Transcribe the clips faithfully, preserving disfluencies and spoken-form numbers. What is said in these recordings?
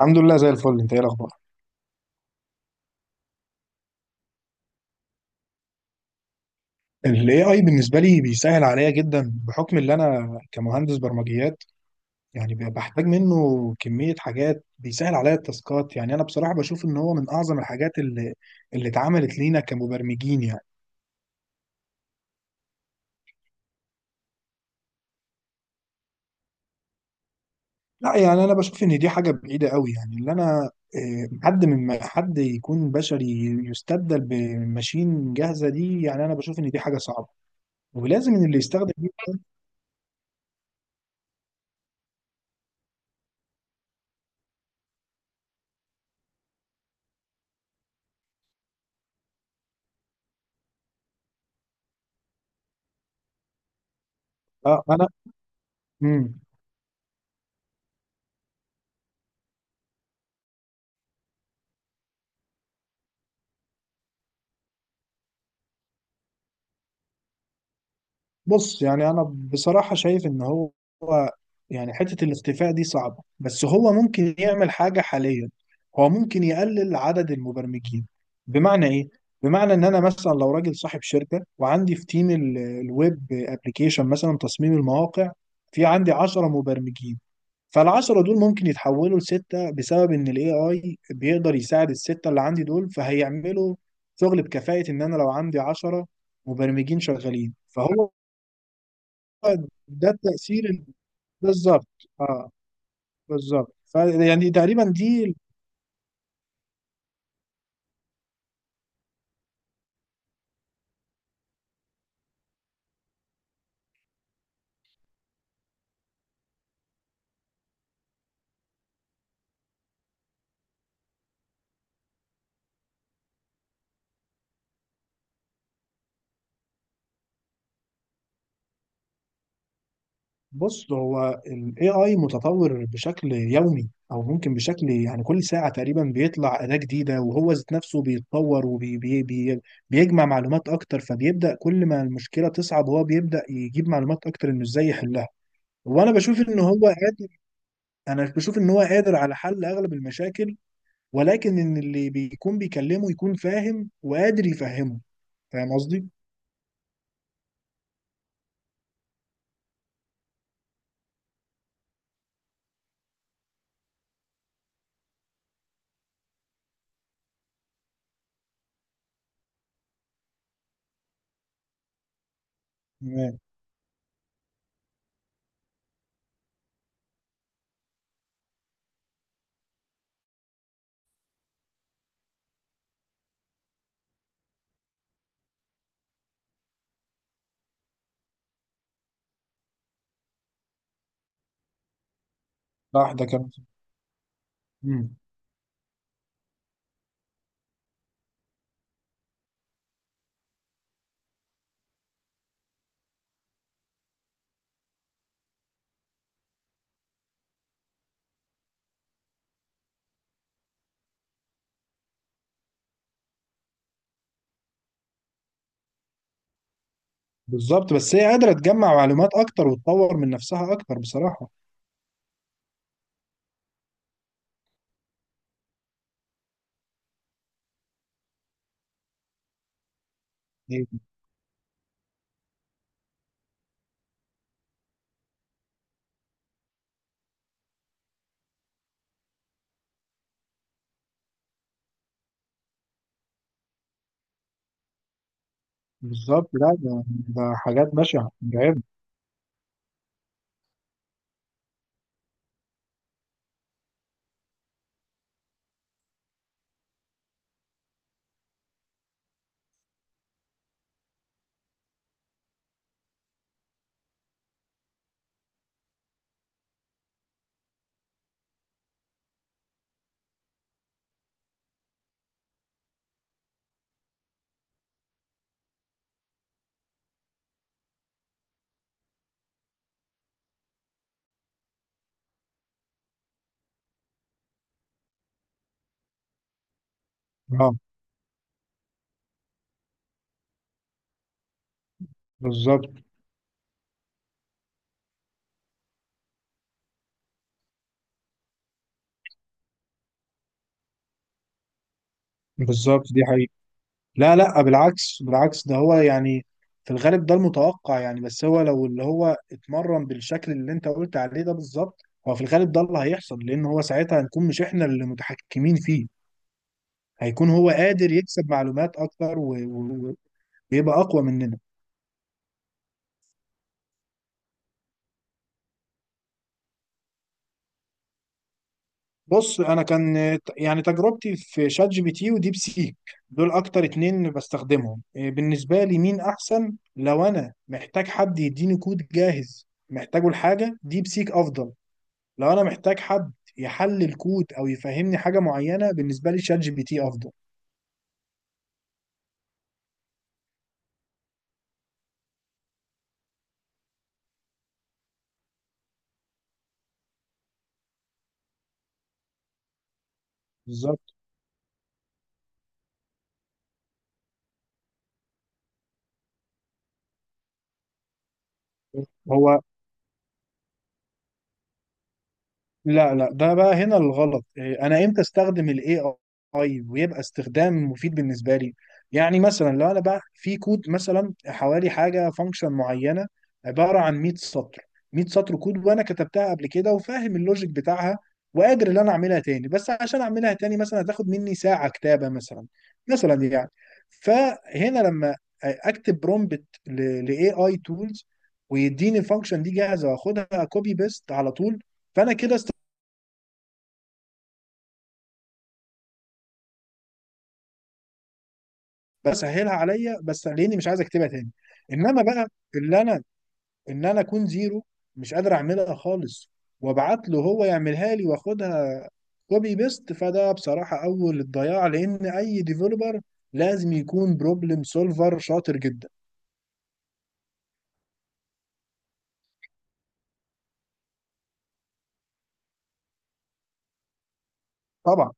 الحمد لله زي الفل. انت ايه الاخبار؟ الاي اي بالنسبه لي بيسهل عليا جدا بحكم ان انا كمهندس برمجيات يعني ب- بحتاج منه كميه حاجات بيسهل عليا التاسكات. يعني انا بصراحه بشوف ان هو من اعظم الحاجات اللي اللي اتعملت لينا كمبرمجين يعني. لا يعني انا بشوف ان دي حاجه بعيده قوي. يعني اللي انا اه، حد من ما- حد يكون بشري يستبدل بماشين جاهزه، دي يعني انا بشوف ان دي حاجه صعبه. ولازم ان اللي يستخدم دي. اه انا. بص يعني انا بصراحة شايف ان هو يعني حتة الاختفاء دي صعبة، بس هو ممكن يعمل حاجة حاليا. هو ممكن يقلل عدد المبرمجين. بمعنى ايه؟ بمعنى ان انا مثلا لو راجل صاحب شركة وعندي في تيم ال- الويب ابليكيشن مثلا، تصميم المواقع، في عندي عشرة مبرمجين. فالعشرة دول ممكن يتحولوا لستة بسبب ان الاي اي بيقدر يساعد الستة اللي عندي دول، فهيعملوا شغل بكفاءة. ان انا لو عندي عشرة مبرمجين شغالين فهو ده التأثير ال- بالظبط. اه. بالظبط، فيعني تقريبا دي. بص هو ال A I متطور بشكل يومي، او ممكن بشكل يعني كل ساعة تقريبا بيطلع أداة جديدة. وهو ذات نفسه بيتطور وبيجمع معلومات اكتر، فبيبدأ كل ما المشكلة تصعب هو بيبدأ يجيب معلومات اكتر انه ازاي يحلها. وانا بشوف ان هو قادر. انا بشوف ان هو قادر على حل اغلب المشاكل، ولكن ان اللي بيكون بيكلمه يكون فاهم وقادر يفهمه. فاهم قصدي؟ صح، ده كمان. مم. بالظبط، بس هي قادرة تجمع معلومات أكتر وتطور من نفسها أكتر بصراحة. هي- بالظبط. لا ده, ده حاجات بشعة مرعبة. اه. بالظبط. بالظبط دي حقيقة. لا لا، بالعكس بالعكس، ده هو يعني في الغالب ده المتوقع يعني. بس هو لو اللي هو اتمرن بالشكل اللي أنت قلت عليه ده بالظبط، هو في الغالب ده اللي هيحصل، لأن هو ساعتها هنكون مش إحنا اللي متحكمين فيه. هيكون هو قادر يكسب معلومات أكتر و- و- ويبقى أقوى مننا. بص انا كان يعني تجربتي في شات جي بي تي وديب سيك. دول اكتر اتنين بستخدمهم. إيه، بالنسبه لي مين احسن؟ لو انا محتاج حد يديني كود جاهز محتاجه لحاجه، ديب سيك افضل. لو انا محتاج حد يحلل كود او يفهمني حاجه معينه، بالنسبه لي شات جي بي تي افضل. بالظبط. هو لا لا، ده بقى هنا الغلط. إيه، انا امتى استخدم الاي اي ويبقى استخدام مفيد بالنسبه لي؟ يعني مثلا لو انا بقى في كود مثلا، حوالي حاجه فانكشن معينه عباره عن مية سطر. مية سطر كود وانا كتبتها قبل كده وفاهم اللوجيك بتاعها، وقادر ان انا اعملها تاني. بس عشان اعملها تاني مثلا هتاخد مني ساعه كتابه مثلا، مثلا يعني. فهنا لما اكتب برومبت لاي اي تولز، ويديني الفانكشن دي جاهزه، واخدها كوبي بيست على طول، فانا كده بسهلها عليا، بس لاني مش عايز اكتبها تاني. انما بقى اللي انا ان انا اكون زيرو، مش قادر اعملها خالص، وابعت له هو يعملها لي واخدها كوبي بيست، فده بصراحه اول الضياع، لان اي ديفلوبر لازم يكون بروبلم سولفر شاطر جدا. طبعا.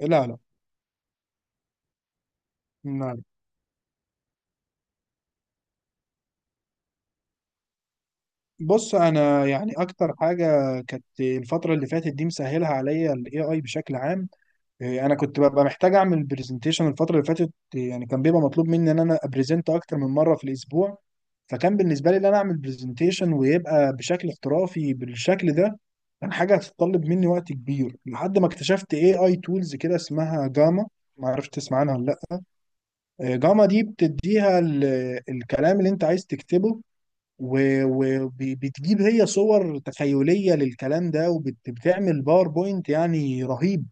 لا لا. لا. بص انا يعني اكتر حاجه كانت الفتره اللي فاتت دي مسهلها عليا الاي اي بشكل عام. إيه، انا كنت ببقى محتاج اعمل برزنتيشن الفتره اللي فاتت، يعني كان بيبقى مطلوب مني ان انا ابريزنت اكتر من مره في الاسبوع. فكان بالنسبه لي ان انا اعمل برزنتيشن ويبقى بشكل احترافي بالشكل ده، كان حاجه هتتطلب مني وقت كبير لحد ما اكتشفت اي اي تولز كده اسمها جاما. ما عرفت تسمع عنها ولا لا؟ آه، جاما دي بتديها ال- الكلام اللي انت عايز تكتبه، وبتجيب هي صور تخيليه للكلام ده، وبتعمل باوربوينت يعني رهيب.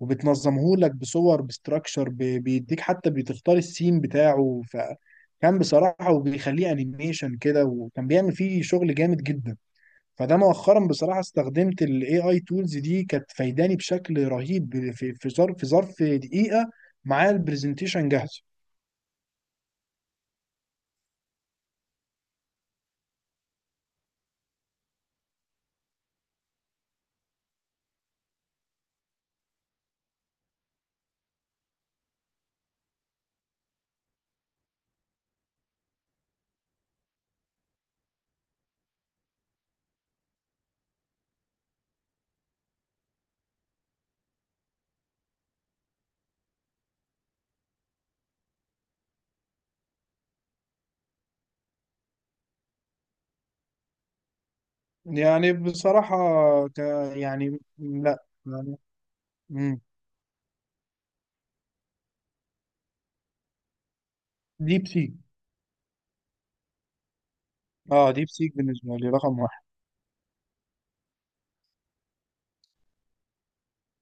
وبتنظمهولك بصور، بستراكشر، بيديك حتى بتختار السين بتاعه، فكان بصراحة، وبيخليه انيميشن كده، وكان بيعمل فيه شغل جامد جدا. فده مؤخرا بصراحة استخدمت ال A I tools دي، كانت فايداني بشكل رهيب. في في ظرف في ظرف دقيقة معايا البرزنتيشن جاهز. يعني بصراحة ك يعني لا يعني. مم. ديب سيك. اه ديب سيك بالنسبة لي رقم واحد.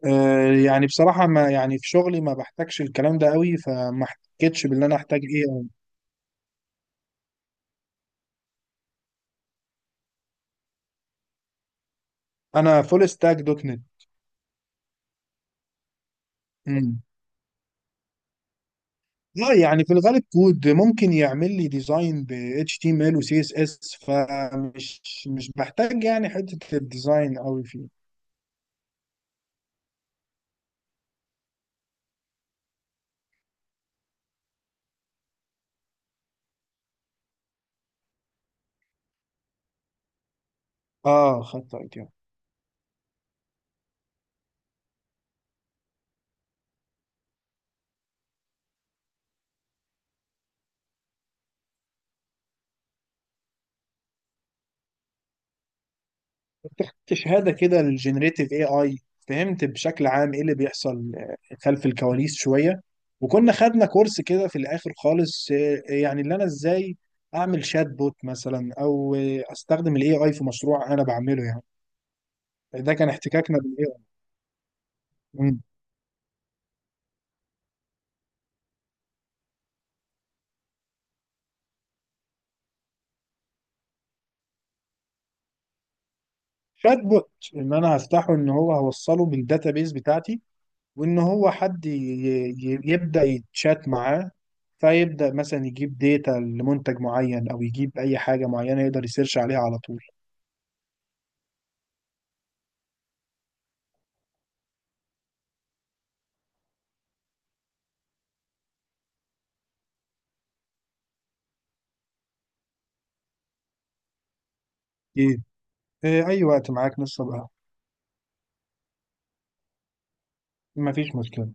آه، يعني بصراحة ما يعني في شغلي ما بحتاجش الكلام ده قوي، فما احتكتش باللي انا احتاج ايه أوي. انا فول ستاك دوت نت. امم. اه يعني في الغالب كود، ممكن يعمل لي ديزاين ب H T M L و C S S، فمش مش بحتاج يعني حتة الديزاين قوي فيه. اه خدت اي شهادة كده للجنريتيف اي اي. فهمت بشكل عام ايه اللي بيحصل آه، خلف الكواليس شوية. وكنا خدنا كورس كده في الاخر خالص، آه، يعني اللي انا ازاي اعمل شات بوت مثلا، او آه، استخدم الاي اي في مشروع انا بعمله يعني. ده كان احتكاكنا بالاي اي. شات بوت، ان انا هفتحه ان هو هوصله بالداتابيز بتاعتي، وان هو حد ي- ي- يبدا يتشات معاه، فيبدا مثلا يجيب داتا لمنتج معين، او يجيب اي حاجه معينه يقدر يسيرش عليها على طول. ايه. إيه، اي وقت معاك. نص بقى. مفيش مشكلة.